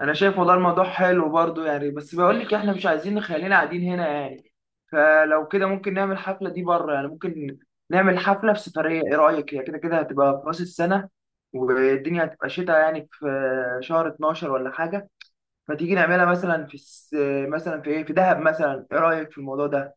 انا شايف والله الموضوع حلو برضو يعني، بس بقول لك احنا مش عايزين، خلينا قاعدين هنا يعني. فلو كده ممكن نعمل الحفله دي بره، يعني ممكن نعمل حفله في سفريه. ايه رايك؟ هي كده كده هتبقى في راس السنه، والدنيا هتبقى شتاء، يعني في شهر 12 ولا حاجه. فتيجي نعملها مثلا في مثلا في ايه، في دهب مثلا. ايه رايك في الموضوع ده؟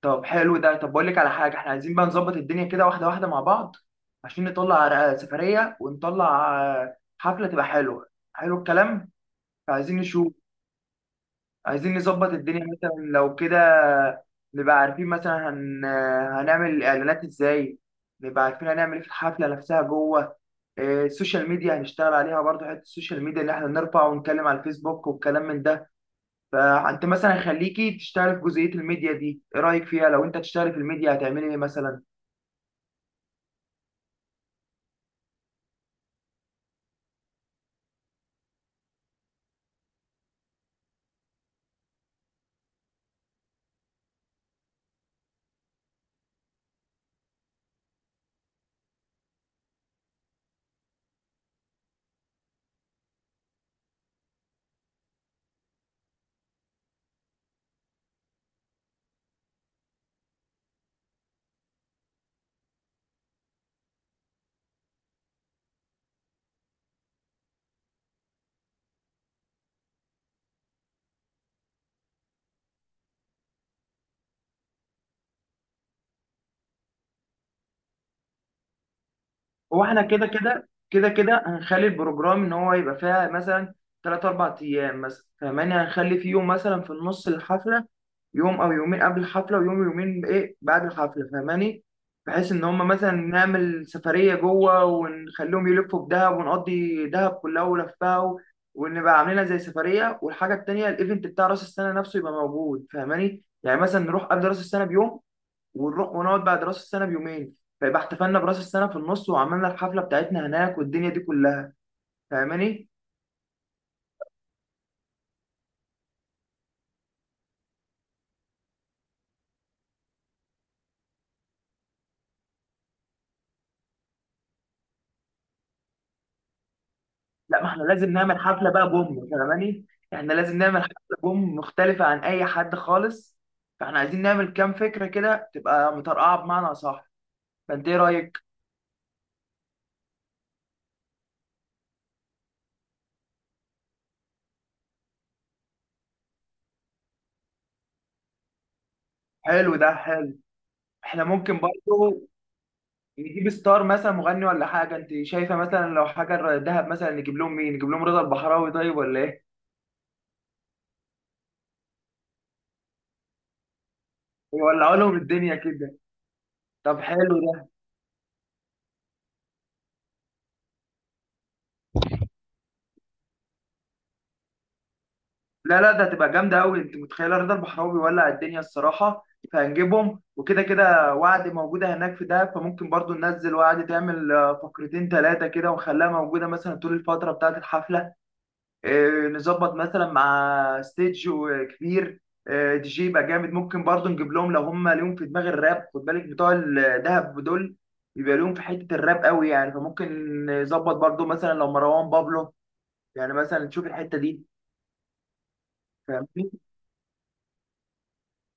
طب حلو ده. طب بقول لك على حاجه، احنا عايزين بقى نظبط الدنيا كده واحده واحده مع بعض، عشان نطلع على سفريه ونطلع حفله تبقى حلوه. حلو الكلام. عايزين نشوف. عايزين نظبط الدنيا مثلا لو كده، نبقى عارفين مثلا هنعمل الاعلانات ازاي، نبقى عارفين هنعمل ايه في الحفله نفسها جوه. إيه، السوشيال ميديا هنشتغل عليها برضه، حته السوشيال ميديا اللي احنا نرفع ونتكلم على الفيسبوك والكلام من ده. فانت مثلا خليكي تشتغل في جزئيه الميديا دي. ايه رايك فيها؟ لو انت تشتغل في الميديا هتعملي ايه مثلا؟ هو احنا كده كده هنخلي البروجرام ان هو يبقى فيها مثلا 3 4 أيام مثلا، فاهماني؟ هنخلي في يوم مثلا في النص الحفله، يوم او يومين قبل الحفله، ويوم يومين ايه بعد الحفله، فاهماني؟ بحيث ان هم مثلا نعمل سفريه جوه ونخليهم يلفوا بدهب، ونقضي دهب كلها ولفها ونبقى عاملينها زي سفريه. والحاجه التانيه، الايفنت بتاع راس السنه نفسه يبقى موجود، فاهماني؟ يعني مثلا نروح قبل راس السنه بيوم، ونروح ونقعد بعد راس السنه بيومين. فيبقى احتفلنا براس السنه في النص، وعملنا الحفله بتاعتنا هناك، والدنيا دي كلها. فاهماني؟ لا، ما احنا لازم نعمل حفله بقى بوم، فاهماني؟ احنا لازم نعمل حفله بوم مختلفه عن اي حد خالص. فاحنا عايزين نعمل كام فكره كده تبقى مطرقعه بمعنى صح. فانت ايه رايك؟ حلو ده، حلو. احنا ممكن برضه نجيب ستار مثلا مغني ولا حاجه. انت شايفه مثلا، لو حاجه دهب مثلا نجيب لهم مين؟ نجيب لهم رضا البحراوي؟ طيب ولا ايه؟ ولا لهم الدنيا كده؟ طب حلو ده. لا لا، ده هتبقى جامده قوي. انت متخيله رضا البحراوي ولع الدنيا الصراحه؟ فهنجيبهم، وكده كده وعد موجوده هناك في دهب، فممكن برضو ننزل وعد تعمل فقرتين ثلاثه كده، ونخليها موجوده مثلا طول الفتره بتاعه الحفله. نظبط مثلا مع ستيج كبير. دي جي يبقى جامد. ممكن برضو نجيب لهم، لو هم ليهم في دماغ الراب، خد بالك بتوع الدهب دول بيبقى ليهم في حته الراب قوي يعني، فممكن نظبط برضو مثلا لو مروان بابلو. يعني مثلا نشوف الحته دي. فاهمني؟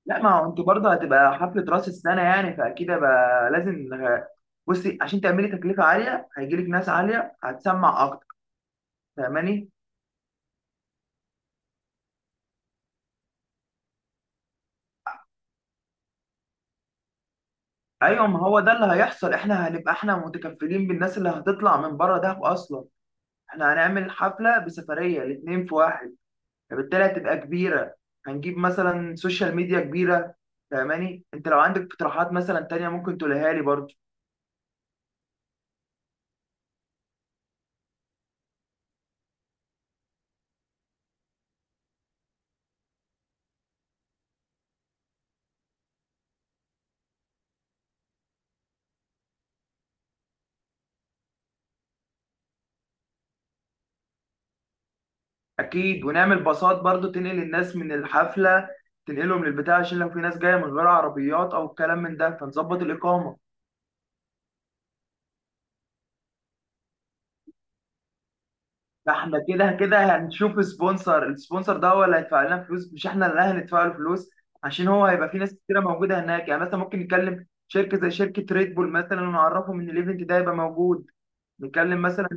لا، ما هو انتوا برضه هتبقى حفلة راس السنة يعني، فأكيد بقى لازم. بصي، عشان تعملي تكلفة عالية هيجيلك ناس عالية هتسمع أكتر، فاهماني؟ أيوة، ما هو ده اللي هيحصل. إحنا هنبقى إحنا متكفلين بالناس اللي هتطلع من بره دهب أصلا. إحنا هنعمل حفلة بسفرية، الاتنين في واحد، فبالتالي هتبقى كبيرة. هنجيب مثلا سوشيال ميديا كبيرة، فاهماني؟ أنت لو عندك اقتراحات مثلا تانية ممكن تقولها لي برضه. اكيد. ونعمل باصات برضو تنقل الناس من الحفله، تنقلهم للبتاع، عشان لو في ناس جايه من غير عربيات او الكلام من ده، فنظبط الاقامه. ده احنا كده كده هنشوف سبونسر. السبونسر ده هو اللي هيدفع لنا فلوس، مش احنا اللي هندفع له فلوس، عشان هو هيبقى في ناس كتيره موجوده هناك. يعني مثلا ممكن نتكلم شركه زي شركه ريد بول مثلا، ونعرفهم ان الايفنت ده هيبقى موجود. نتكلم مثلا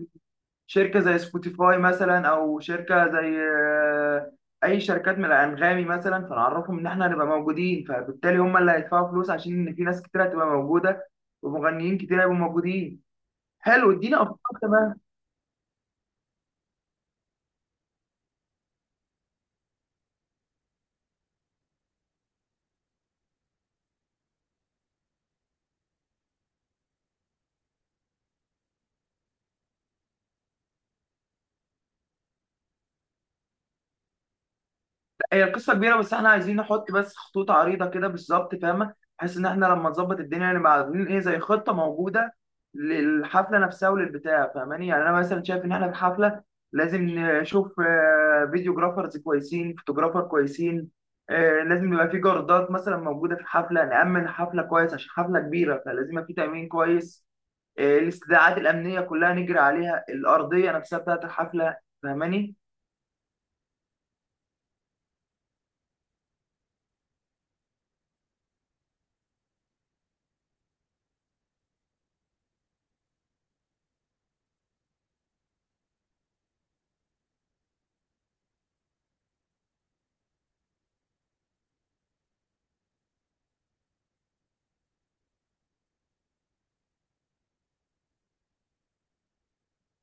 شركة زي سبوتيفاي مثلا، أو شركة زي أي شركات من الأنغامي مثلا، فنعرفهم إن إحنا هنبقى موجودين، فبالتالي هم اللي هيدفعوا فلوس، عشان إن في ناس كتير هتبقى موجودة ومغنيين كتير هيبقوا موجودين. حلو، اديني أفكار. تمام. هي القصه كبيره، بس احنا عايزين نحط بس خطوط عريضه كده بالظبط، فاهمه؟ بحيث ان احنا لما نظبط الدنيا نبقى عاملين ايه زي خطه موجوده للحفله نفسها وللبتاع، فاهماني؟ يعني انا مثلا شايف ان احنا في الحفله لازم نشوف فيديوجرافرز كويسين، فوتوجرافر كويسين. لازم يبقى في جاردات مثلا موجوده في الحفله، نامن الحفله كويس، عشان حفله كبيره فلازم يبقى في تامين كويس. الاستدعاءات الامنيه كلها نجري عليها، الارضيه نفسها بتاعت الحفله، فاهماني؟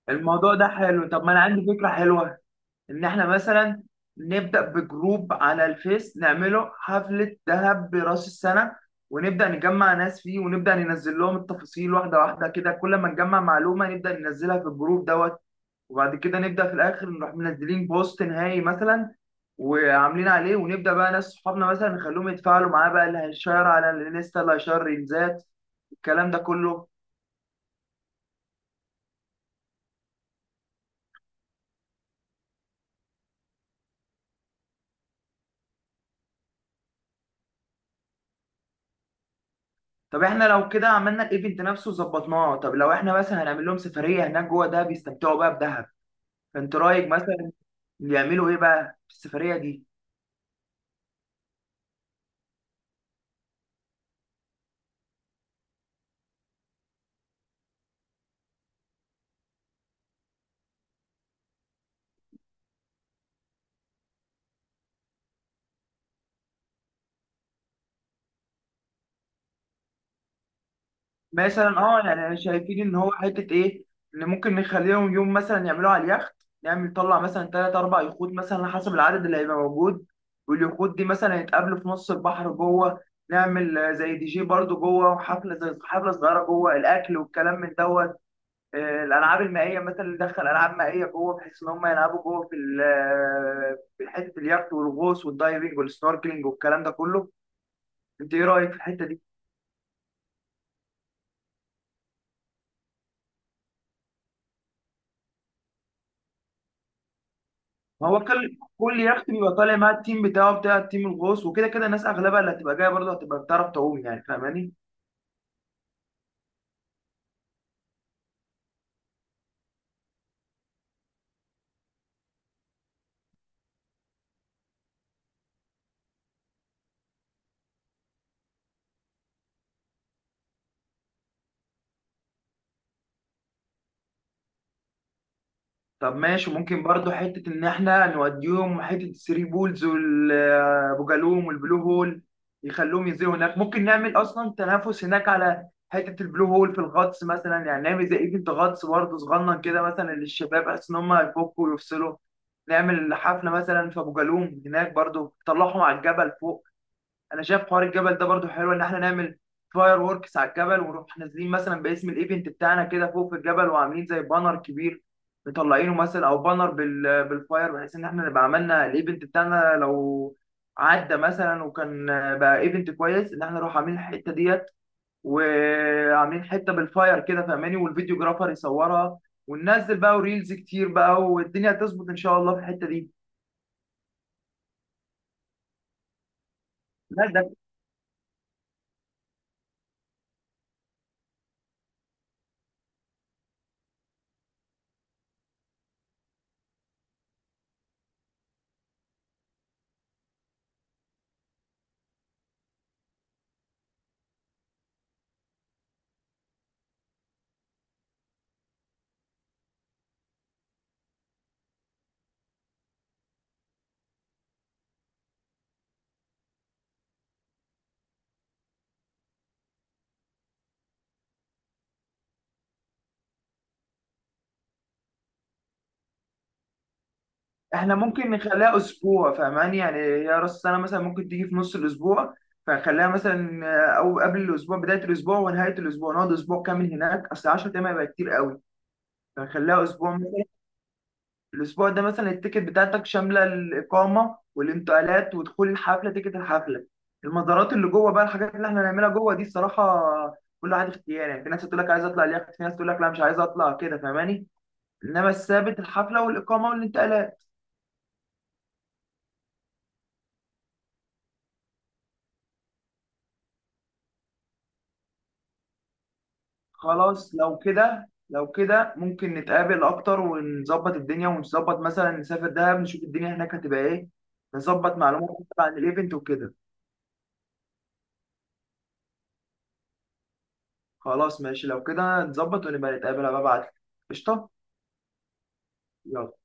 الموضوع ده حلو. طب ما انا عندي فكره حلوه، ان احنا مثلا نبدا بجروب على الفيس، نعمله حفله ذهب براس السنه، ونبدا نجمع ناس فيه، ونبدا ننزل لهم التفاصيل واحده واحده كده. كل ما نجمع معلومه نبدا ننزلها في الجروب دوت. وبعد كده نبدا في الاخر نروح منزلين بوست نهائي مثلا، وعاملين عليه، ونبدا بقى ناس صحابنا مثلا نخليهم يتفاعلوا معاه بقى. اللي هيشير على الانستا، اللي هيشير ريلزات، الكلام ده كله. طب احنا لو كده عملنا الايفنت نفسه وظبطناه، طب لو احنا مثلا هنعمل لهم سفريه هناك جوه دهب يستمتعوا بقى بدهب، انت رايك مثلا يعملوا ايه بقى في السفريه دي؟ مثلا اه، يعني شايفين ان هو حته ايه، ان ممكن نخليهم يوم مثلا يعملوا على اليخت. نعمل طلع مثلا 3 4 يخوت مثلا على حسب العدد اللي هيبقى موجود، واليخوت دي مثلا يتقابلوا في نص البحر جوه. نعمل زي دي جي برضو جوه، وحفله زي حفله صغيره جوه، الاكل والكلام من دوت. الالعاب المائيه مثلا، ندخل العاب مائيه جوه، بحيث ان هم يلعبوا جوه في في حته اليخت، والغوص والدايفنج والسنوركلينج والكلام ده كله. انت ايه رايك في الحته دي؟ ما هو كل يخت بيبقى طالع مع التيم بتاعه، بتاع التيم الغوص وكده كده. الناس اغلبها اللي هتبقى جايه برضه هتبقى بتعرف تعوم يعني، فاهماني؟ طب ماشي. ممكن برضه حته ان احنا نوديهم حته الثري بولز والابو جالوم والبلو هول، يخلوهم ينزلوا هناك. ممكن نعمل اصلا تنافس هناك على حته البلو هول في الغطس مثلا، يعني نعمل زي ايفنت غطس برضه صغنن كده مثلا للشباب، بحيث ان هم يفكوا ويفصلوا. نعمل حفله مثلا في ابو جالوم هناك برضه، تطلعهم على الجبل فوق. انا شايف حوار الجبل ده برضو حلو، ان احنا نعمل فاير ووركس على الجبل، ونروح نازلين مثلا باسم الايفنت بتاعنا كده فوق في الجبل، وعاملين زي بانر كبير مطلعينه مثلا، او بانر بالفاير، بحيث ان احنا نبقى عملنا الايفنت بتاعنا. لو عدى مثلا وكان بقى ايفنت كويس ان احنا نروح عاملين الحته ديت، وعاملين حته بالفاير كده، فاهماني؟ والفيديو جرافر يصورها، وننزل بقى وريلز كتير بقى، والدنيا هتظبط ان شاء الله في الحته دي. لا، ده احنا ممكن نخليها اسبوع فاهماني. يعني هي راس السنه مثلا ممكن تيجي في نص الاسبوع، فنخليها مثلا او قبل الاسبوع، بدايه الاسبوع ونهايه الاسبع، نقعد اسبوع كامل هناك، اصل 10 ايام هيبقى كتير قوي، فنخليها اسبوع مثلا. الاسبوع ده مثلا التيكت بتاعتك شامله الاقامه والانتقالات ودخول الحفله، تيكت الحفله. المزارات اللي جوه بقى، الحاجات اللي احنا هنعملها جوه دي الصراحه كل واحد اختيار يعني. في ناس تقول لك عايز اطلع اليخت، في ناس تقول لك لا مش عايز اطلع كده، فاهماني؟ انما الثابت الحفله والاقامه والانتقالات. خلاص، لو كده ممكن نتقابل اكتر، ونظبط الدنيا، ونظبط مثلا نسافر دهب نشوف الدنيا هناك هتبقى ايه، نظبط معلومات أكتر عن الايفنت وكده. خلاص ماشي، لو كده نظبط ونبقى نتقابل. أبقى ابعت. قشطه. يلا.